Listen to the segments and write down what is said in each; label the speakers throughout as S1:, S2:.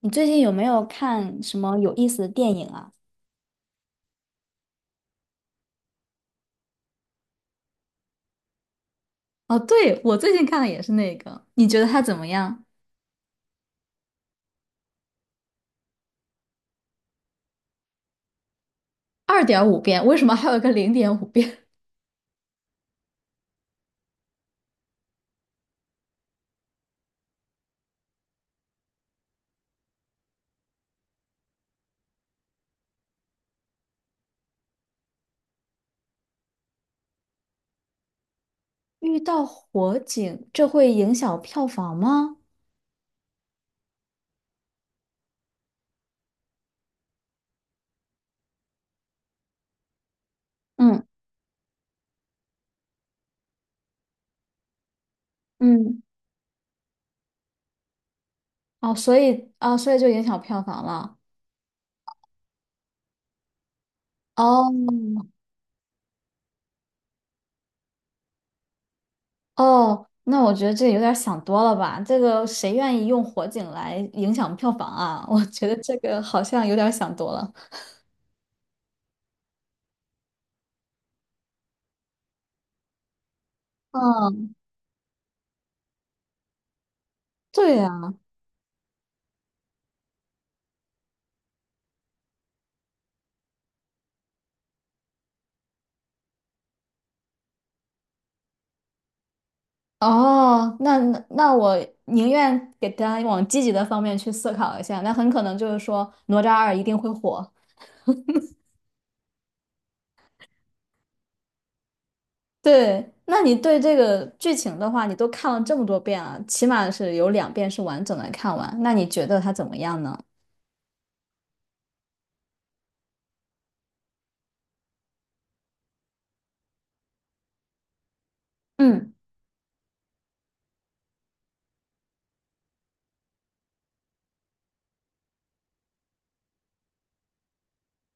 S1: 你最近有没有看什么有意思的电影啊？哦，对，我最近看的也是那个，你觉得它怎么样？二点五遍，为什么还有个零点五遍？遇到火警，这会影响票房吗？嗯。嗯。哦，所以啊，所以就影响票房了。哦。哦，那我觉得这有点想多了吧？这个谁愿意用火警来影响票房啊？我觉得这个好像有点想多了。嗯，对呀。哦，那我宁愿给大家往积极的方面去思考一下，那很可能就是说哪吒二一定会火。对，那你对这个剧情的话，你都看了这么多遍了，起码是有两遍是完整的看完，那你觉得它怎么样呢？嗯。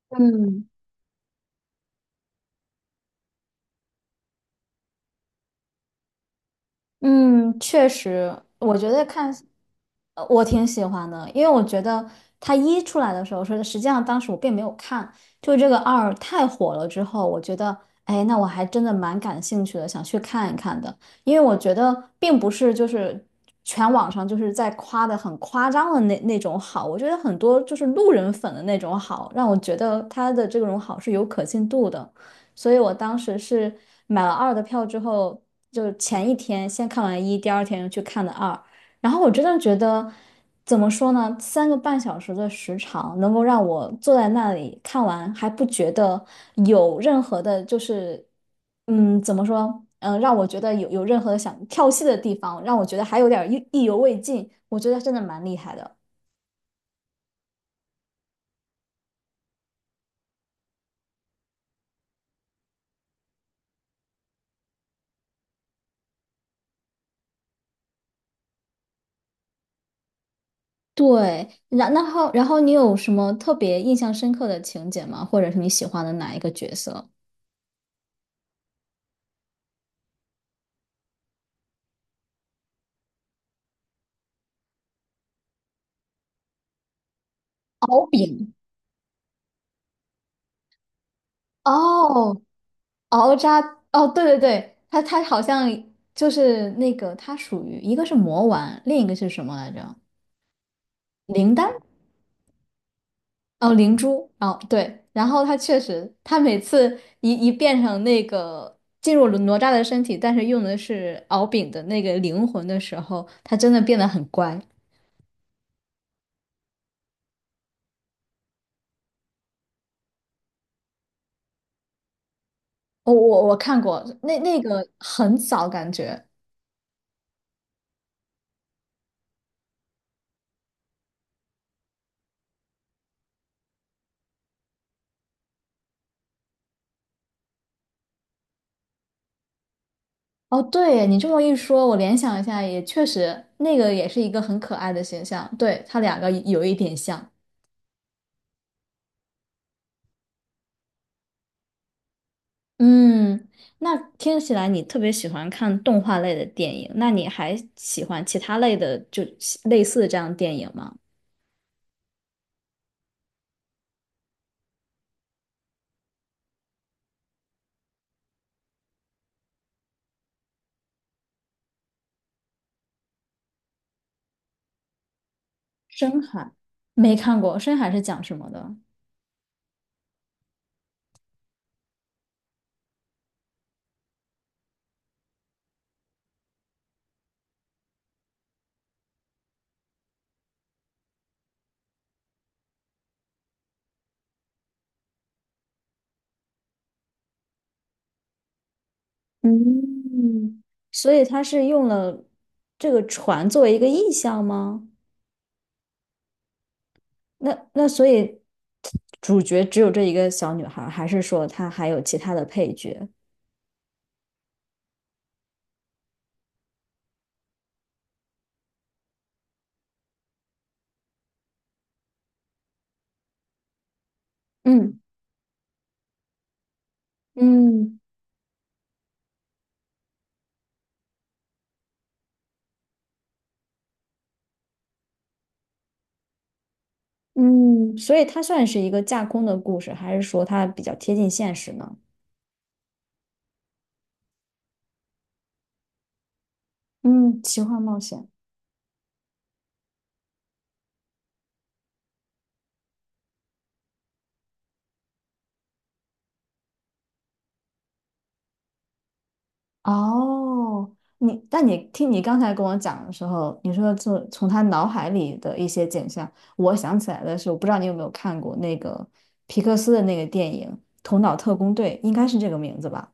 S1: 嗯。嗯，确实，我觉得看，我挺喜欢的，因为我觉得它一出来的时候，说实际上当时我并没有看，就这个二太火了之后，我觉得，哎，那我还真的蛮感兴趣的，想去看一看的，因为我觉得并不是就是全网上就是在夸的很夸张的那种好，我觉得很多就是路人粉的那种好，让我觉得他的这种好是有可信度的。所以我当时是买了二的票之后，就前一天先看完一，第二天又去看的二。然后我真的觉得，怎么说呢？三个半小时的时长能够让我坐在那里看完，还不觉得有任何的，就是嗯，怎么说？嗯，让我觉得有任何想跳戏的地方，让我觉得还有点儿意犹未尽。我觉得真的蛮厉害的。对，然后你有什么特别印象深刻的情节吗？或者是你喜欢的哪一个角色？敖丙。哦，敖渣。哦，对对对，他他好像就是那个，他属于一个是魔丸，另一个是什么来着？灵丹。哦，灵珠。哦，对，然后他确实，他每次一变成那个进入了哪吒的身体，但是用的是敖丙的那个灵魂的时候，他真的变得很乖。我看过那个很早感觉。哦，对，你这么一说，我联想一下，也确实，那个也是一个很可爱的形象，对，它两个有一点像。嗯，那听起来你特别喜欢看动画类的电影，那你还喜欢其他类的，就类似这样的电影吗？深海。没看过，深海是讲什么的？嗯，所以它是用了这个船作为一个意象吗？那所以主角只有这一个小女孩儿还是说她还有其他的配角？嗯。嗯。嗯，所以它算是一个架空的故事，还是说它比较贴近现实呢？嗯，奇幻冒险。哦，你，但你听你刚才跟我讲的时候，你说从他脑海里的一些景象，我想起来的是，我不知道你有没有看过那个皮克斯的那个电影《头脑特工队》，应该是这个名字吧？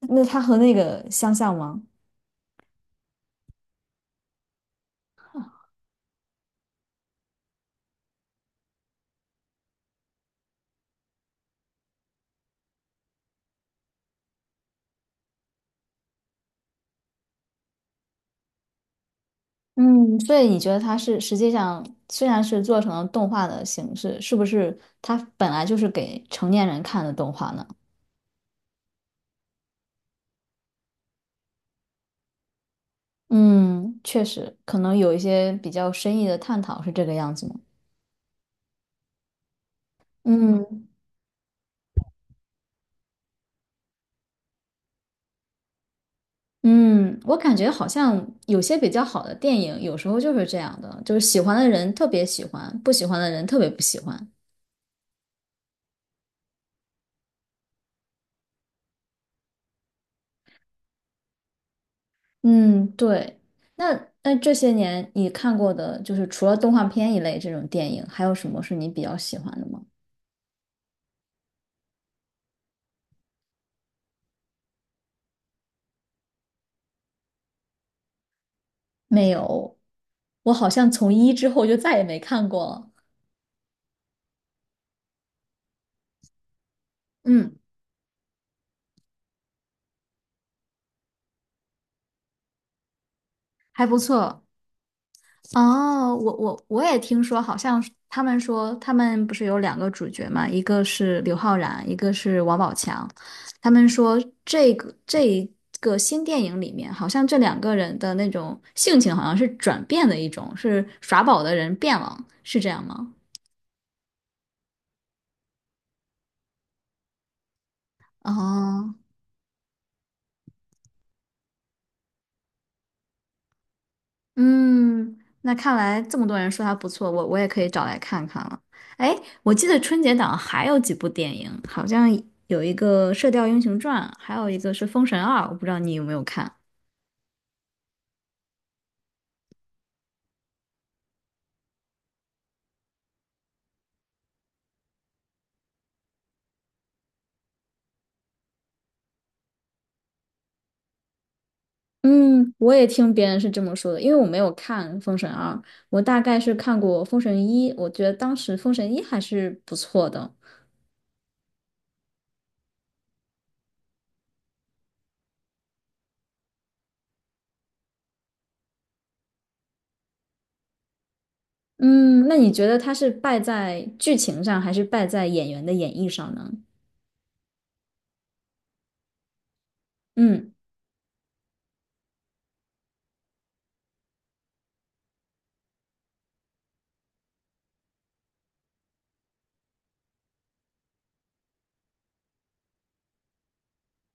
S1: 那它和那个相像吗？嗯，所以你觉得它是实际上虽然是做成了动画的形式，是不是它本来就是给成年人看的动画呢？嗯，确实，可能有一些比较深意的探讨是这个样子吗？嗯。嗯，我感觉好像有些比较好的电影，有时候就是这样的，就是喜欢的人特别喜欢，不喜欢的人特别不喜欢。嗯，对。那那这些年你看过的，就是除了动画片一类这种电影，还有什么是你比较喜欢的吗？没有，我好像从一之后就再也没看过了。嗯，还不错。哦，我也听说，好像是他们说他们不是有两个主角嘛，一个是刘昊然，一个是王宝强。他们说这个新电影里面，好像这两个人的那种性情好像是转变的一种，是耍宝的人变了，是这样吗？哦。嗯，那看来这么多人说它不错，我也可以找来看看了。哎，我记得春节档还有几部电影，好像有一个《射雕英雄传》，还有一个是《封神二》，我不知道你有没有看。嗯，我也听别人是这么说的，因为我没有看《封神二》，我大概是看过《封神一》，我觉得当时《封神一》还是不错的。嗯，那你觉得它是败在剧情上，还是败在演员的演绎上呢？嗯。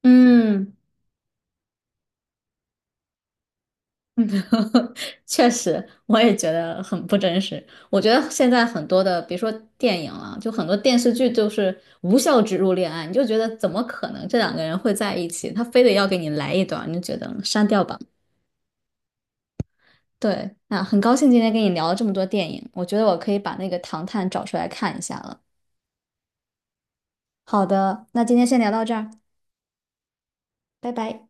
S1: 嗯。确实，我也觉得很不真实。我觉得现在很多的，别说电影了，就很多电视剧就是无效植入恋爱，你就觉得怎么可能这两个人会在一起？他非得要给你来一段，你就觉得删掉吧。对，那很高兴今天跟你聊了这么多电影，我觉得我可以把那个《唐探》找出来看一下了。好的，那今天先聊到这儿，拜拜。